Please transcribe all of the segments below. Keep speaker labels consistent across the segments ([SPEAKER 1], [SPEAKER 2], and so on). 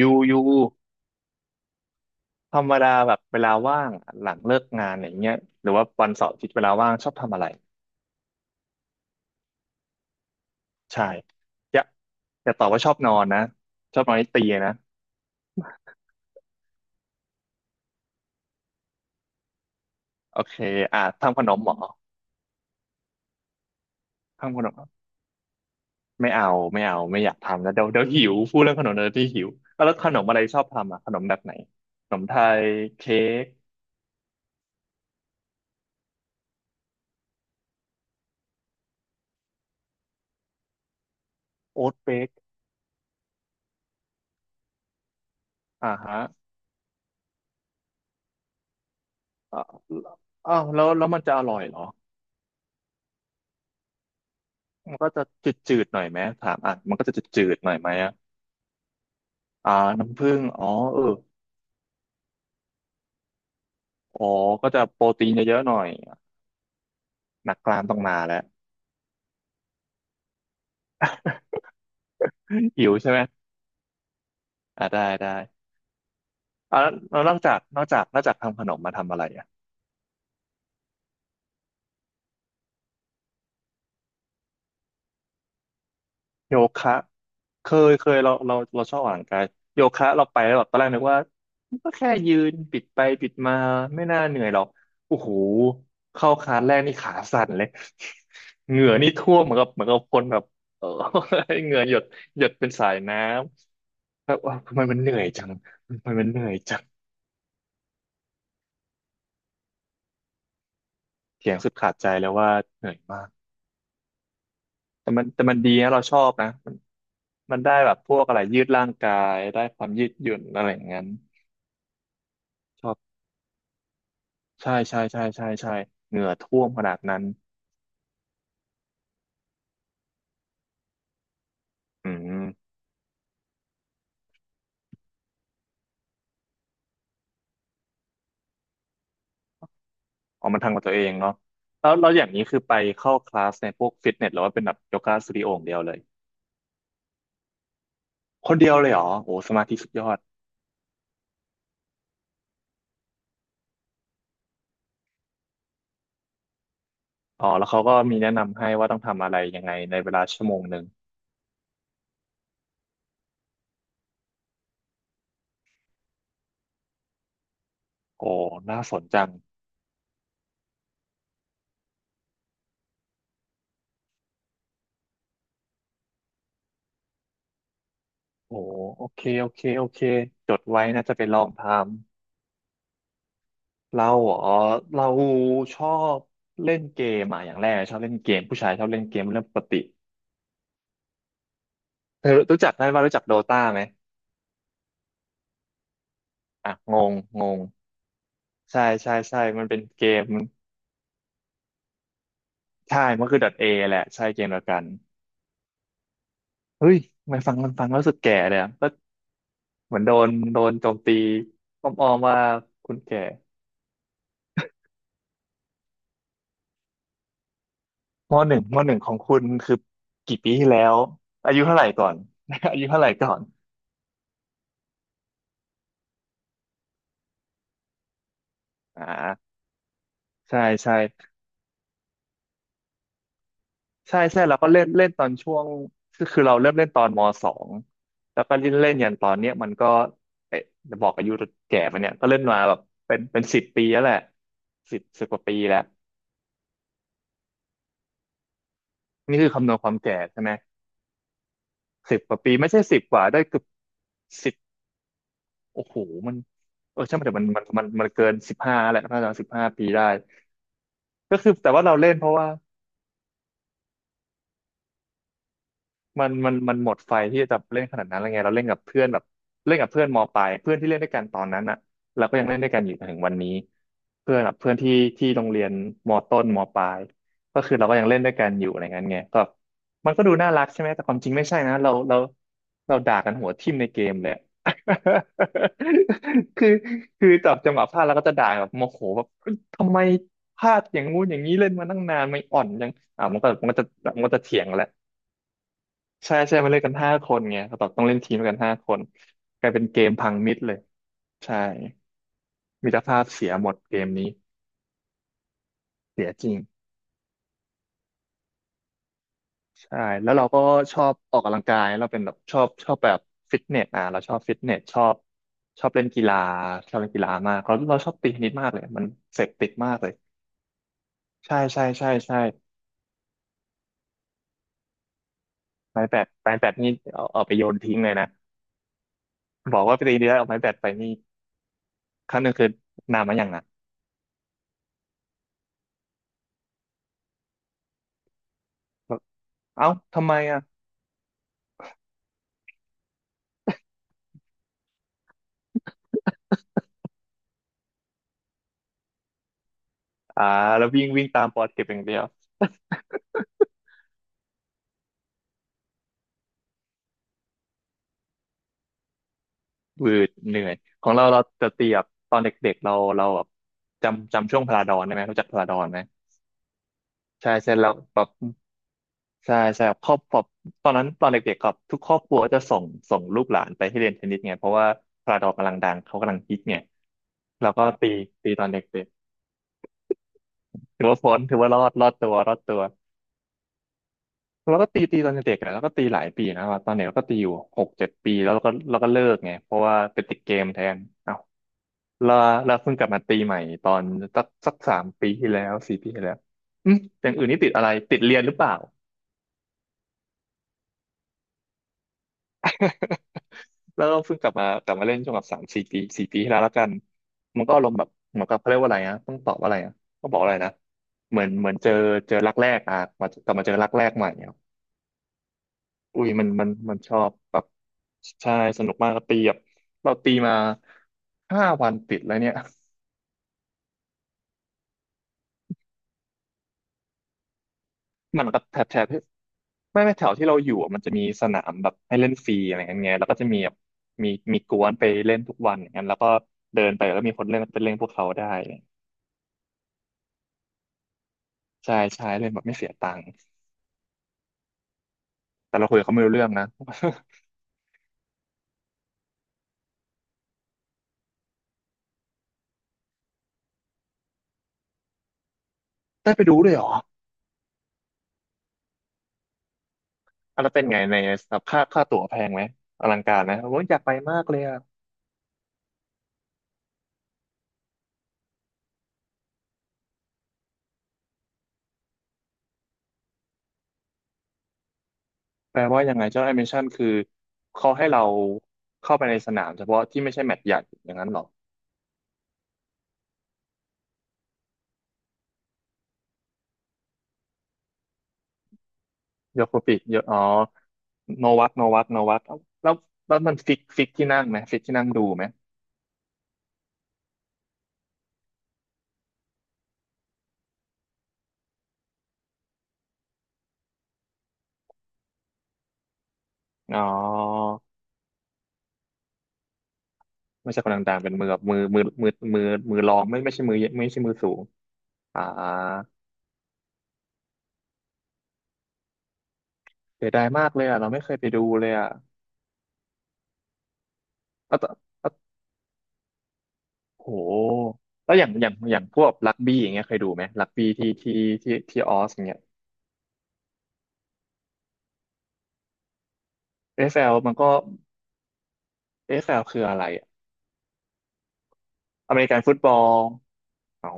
[SPEAKER 1] ยูธรรมดาแบบเวลาว่างหลังเลิกงานอย่างเงี้ยหรือว่าวันเสาร์อาทิตย์เวลาว่างชอบทำอะไรใช่อย่าอย่าตอบว่าชอบนอนนะชอบนอนให้ตีนะโอเคอ่ะทำขนมเหมอทำขนมไม่เอาไม่เอาไม่อยากทำแล้วเดี๋ยวหิวพูดเรื่องขนมเดี๋ยวที่หิวอ่ะแล้วขนมอะไรชอบทำอ่ะขนมแบบไหนขนมไทยเค้กโอ๊ตเบกอ่าฮะอ่าอ้าวแล้วมันจะอร่อยเหรอมันก็จะจืดๆหน่อยไหมถามอ่ะมันก็จะจืดๆหน่อยไหมอ่ะ อ่าน้ำผึ้งอ๋อเอออ๋อก็จะโปรตีนเยอะๆหน่อยนักกลามต้องมาแล้ว หิวใช่ไหมอ่าได้ได้อ่าแล้วนอกจากนอกจากนอกจากทำขนมมาทำอะไรอ่ะโยคะเคยเคยเราชอบออกกำลังกายโยคะเราไปแล้วแบบตอนแรกนึกว่าก็แค่ยืนปิดไปปิดมาไม่น่าเหนื่อยหรอกโอ้โหเข้าคลาสแรกนี่ขาสั่นเลย เหงื่อนี่ท่วมเหมือนกับคนแบบเออ เหงื่อหยดหยดเป็นสายน้ำ แบบว่าทำไมมันเหนื่อยจังทำไมมันเหนื่อยจังเถียงสุดขาดใจแล้วว่าเหนื่อยมากแต่มันดีนะเราชอบนะมันมันได้แบบพวกอะไรยืดร่างกายได้ความยืดหยุ่นอะไรอย่างนั้นชอบใช่ใช่ใช่ใช่ใช่เหงื่อท่วมขนาดนั้นอืมเอามันทำกับตัวเองเนาะแล้วเราอย่างนี้คือไปเข้าคลาสในพวกฟิตเนสหรือว่าเป็นแบบโยคะสตูดิโออย่างเดียวเลยคนเดียวเลยเหรอโอ้สมาธิสุดยอดอ๋อแล้วเขาก็มีแนะนำให้ว่าต้องทำอะไรยังไงในเวลาชั่วโมงหนึ่งโอ้น่าสนจัง โอ้โอเคโอเคโอเคจดไว้นะจะไปลองทำเราอ๋อเราชอบเล่นเกมอ่ะอย่างแรกชอบเล่นเกมผู้ชายชอบเล่นเกมเรื่องปกติเธอรู้จักได้ว่ารู้จักโดตาไหมอ่ะงงงงใช่ใช่ใช่มันเป็นเกมใช่มันคือ .A แหละใช่เกมเดียวกันเฮ้ยทำไมนฟังมันฟังแล้วรู้สึกแก่เลยอะก็เหมือนโดนโจมตีอ้อมๆว่าคุณแก่มหนึ่งของคุณคือกี่ปีที่แล้วอายุเท่าไหร่ก่อน อายุเท่าไหร่ก่อน อ่าใช่ใช่ใช่ใช่แล้วก็เล่นเล่นตอนช่วงคือเราเริ่มเล่นตอนมสองแล้วก็เล่นเล่นยันตอนเนี้ยมันก็เอ๊ะจะบอกอายุแก่ไปะเนี่ยก็เล่นมาแบบเป็นสิบปีแล้วแหละสิบกว่าปีแล้วนี่คือคำนวณความแก่ใช่ไหมสิบกว่าปีไม่ใช่สิบกว่าได้เกือบสิบโอ้โหมันเออใช่ไหมแต่มันเกินสิบห้าแหละน่าจะสิบห้าปีได้ก็คือแต่ว่าเราเล่นเพราะว่า มันหมดไฟที่จะเล่นขนาดนั้นแล้วไงเราเล่นกับเพื่อนแบบเล่นกับเพื่อนมปลายเพื่อนที่เล่นด้วยกันตอนนั้นอ่ะเราก็ยังเล่นด้วยกันอยู่จนถึงวันนี้เพื่อนแบบเพื่อนที่ที่โรงเรียนมต้นมปลายก็คือเราก็ยังเล่นด้วยกันอยู่อะไรเงี้ยไงก็มันก็ดูน่ารักใช่ไหมแต่ความจริงไม่ใช่นะเราเราด่ากันหัวทิ่มในเกมเลยอะ คือคือจับจังหวะพลาดแล้วก็จะด่าแบบโมโหแบบทำไมพลาดอย่างงู้นอย่างนี้เล่นมาตั้งนานไม่อ่อนยังอ่ะมันก็จะมันก็จะเถียงแหละ ใช่ใช่มาเล่นกันห้าคนไงเขาบอกต้องเล่นทีมกันห้าคนกลายเป็นเกมพังมิดเลยใช่มิตรภาพเสียหมดเกมนี้เสียจริงใช่แล้วเราก็ชอบออกกำลังกายเราเป็นแบบชอบแบบฟิตเนสอ่ะเราชอบฟิตเนสชอบชอบเล่นกีฬาชอบเล่นกีฬามากเราชอบตีเทนนิสมากเลยมันเสพติดมากเลยใช่ใช่ใช่ใช่ไม้แบดนี่เอาไปโยนทิ้งเลยนะบอกว่าไปตีเดียวเอาไม้แบดไปนี่ครั้งหนึ่งคือนานมาอย่างนะแบบเอ้าทำไมอ่ะ อ่าแล้ววิ่งวิ่งตามปอเทปอย่างเดียววืดเหนื่อยของเราจะตีแบบตอนเด็กๆเราแบบจำช่วงพลาดอนได้ไหมรู้จักพลาดอนไหมใช่ใช่แล้วแบบใช่ใช่ครอบตอนนั้นตอนเด็กๆครับทุกครอบครัวจะส่งลูกหลานไปให้เรียนเทนนิสไงเพราะว่าพลาดอนกำลังดังเขากำลังฮิตไงเราก็ตีตอนเด็กๆถือว่าพ้นถือว่ารอดตัวรอดตัวเราก็ตีตอนเด็กๆอะแล้วก็ตีหลายปีนะครับตอนเด็กเราก็ตีอยู่6-7 ปีแล้วเราก็เลิกไงเพราะว่าไปติดเกมแทน ลาลาเพิ่งกลับมาตีใหม่ตอนสัก3 ปีที่แล้วสี่ปีที่แล้วอืมอย่างอื่นนี่ติดอะไรติดเรียนหรือเปล่า แล้วก็เพิ่งกลับมาเล่นช่วงแบบ3-4 ปีสี่ปีที่แล้วแล้วกันมันก็อารมณ์แบบเหมือนกับเขาเรียกว่าอะไรนะต้องตอบว่าอะไรอ่ะก็บอกอะไรนะเหมือนเจอรักแรกอ่ะมากลับมาเจอรักแรกใหม่เนี่ยอุ้ยมันชอบแบบใช่สนุกมากตีแบบเราตีมา5 วันติดแล้วเนี่ย มันก็แทบ ไม่ไม่แถวที่เราอยู่อะมันจะมีสนามแบบให้เล่นฟรีอะไรเงี้ยไงแล้วก็จะมีแบบมีมีกวนไปเล่นทุกวันอย่างนั้นแล้วก็เดินไปแล้วมีคนเล่นก็ไปเล่นพวกเขาได้ใช่ใช่เล่นแบบไม่เสียตังค์แต่เราคุยกับเขาไม่รู้เรื่องนะ ได้ไปดูด้วยเหรออะแล้วเป็นไงในแบบค่าตั๋วแพงไหมอลังการไหมผมอยากไปมากเลยอะแปลว่ายังไงเจ้าแอนิเมชันคือเขาให้เราเข้าไปในสนามเฉพาะที่ไม่ใช่แมตช์ใหญ่อย่างนั้นเหรอ โยโคปิโยอ๋อโนวัตแล้วแล้วมันฟิกที่นั่งไหมฟิกที่นั่งดูไหมอ๋อไม่ใช่คนดังๆเป็นมือแบบมือมือรองไม่ใช่มือไม่ใช่มือสูงอ่าเสียดายมากเลยอ่ะเราไม่เคยไปดูเลยอ่ะแล้วตอแล้วโหแล้วอย่างอย่างพวกรักบี้อย่างเงี้ยเคยดูไหมรักบี้ที่ออสอย่างเงี้ยเอเอฟแ f ลมันก็เอเอฟแ f ลคืออะไรอะอเมริกันฟุตบอลเอ้า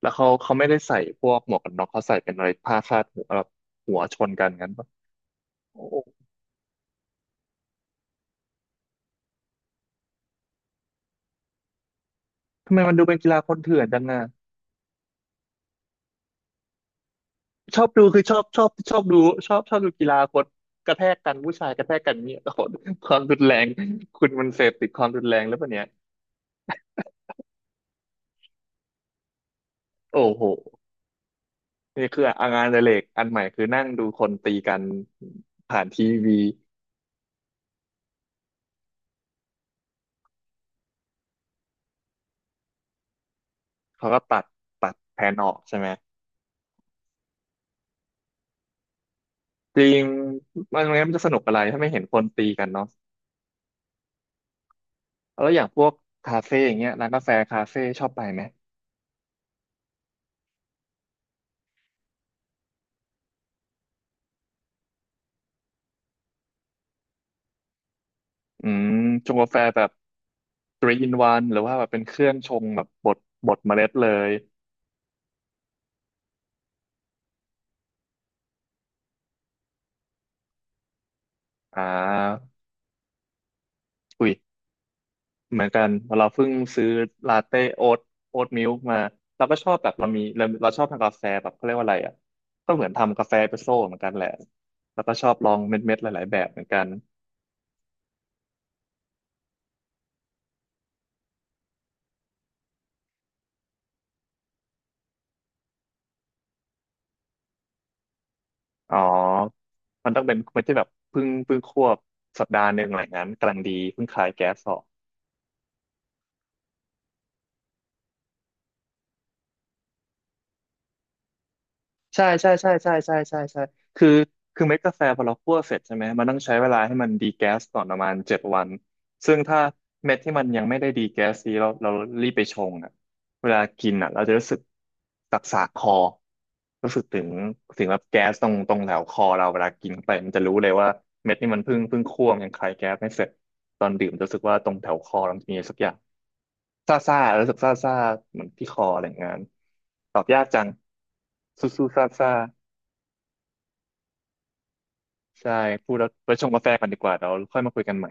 [SPEAKER 1] แล้วเขาไม่ได้ใส่พวกหมวกกันน็อกเขาใส่เป็นอะไรผ้าคาดหัวแบบหัวชนกันงั้นปะโอ้ทำไมมันดูเป็นกีฬาคนเถื่อนจังอ่ะชอบดูคือชอบดูชอบดูกีฬาคนกระแทกกันผู้ชายกระแทกกันเนี่ยโอ้โหความรุนแรงคุณมันเสพติดความรุนแรงหรือเปล่าเนี่ยโอ้โหนี่คืออ่ะงานอดิเรกอันใหม่คือนั่งดูคนตีกันผ่านทีวีเขาก็ตัดแผนออกใช่ไหมจริงมันไมันจะสนุกอะไรถ้าไม่เห็นคนตีกันเนาะ แล้วอย่างพวกคาเฟ่อย่างเงี้ยร้านกาแฟคาเฟ่ชอบไปไหมอืมชงกาแฟแบบ t รี e e in o หรือว่าแบบเป็นเครื่องชงแบบบดบดเมล็ดเลยอ่าอุ้ยเหมือนกันเราเพิ่งซื้อลาเต้โอ๊ตโอ๊ตมิลค์มาเราก็ชอบแบบเรามีเราชอบทำกาแฟแบบเขาเรียกว่าอะไรอ่ะก็เหมือนทำกาแฟเอสเปรสโซ่เหมือนกันแหละแล้วก็ชอบลองเม็ดๆหลายๆแบบเหมือนกันอ๋อมันต้องเป็นไม่ใช่แบบเพิ่งควบสัปดาห์หนึ่งอะไรอย่างนั้นกำลังดีเพิ่งคลายแก๊สออก ใช่ใช่ใช่ใช่ใช่ใช่ใช่คือคือเม็ดกาแฟพอเราคั่วเสร็จใช่ไหมมันต้องใช้เวลาให้มันดีแก๊สก่อนประมาณ7 วันซึ่งถ้าเม็ดที่มันยังไม่ได้ดีแก๊สดีเรารีบไปชงอ่ะเวลากินอ่ะเราจะรู้สึกสักสากคอรู้สึกถึงแบบแก๊สตรงแถวคอเราเวลากินไปมันจะรู้เลยว่าเม็ดนี่มันเพิ่งคั่วมันยังคลายแก๊สไม่เสร็จตอนดื่มจะรู้สึกว่าตรงแถวคอเรามันมีสักอย่างซ่าซ่ารู้สึกซ่าซ่าเหมือนที่คออะไรอย่างง้นตอบยากจังสู้สู้ซ่าซ่า ใช่พูดแล้วไปชงกาแฟกันดีกว่าเราค่อยมาคุยกันใหม่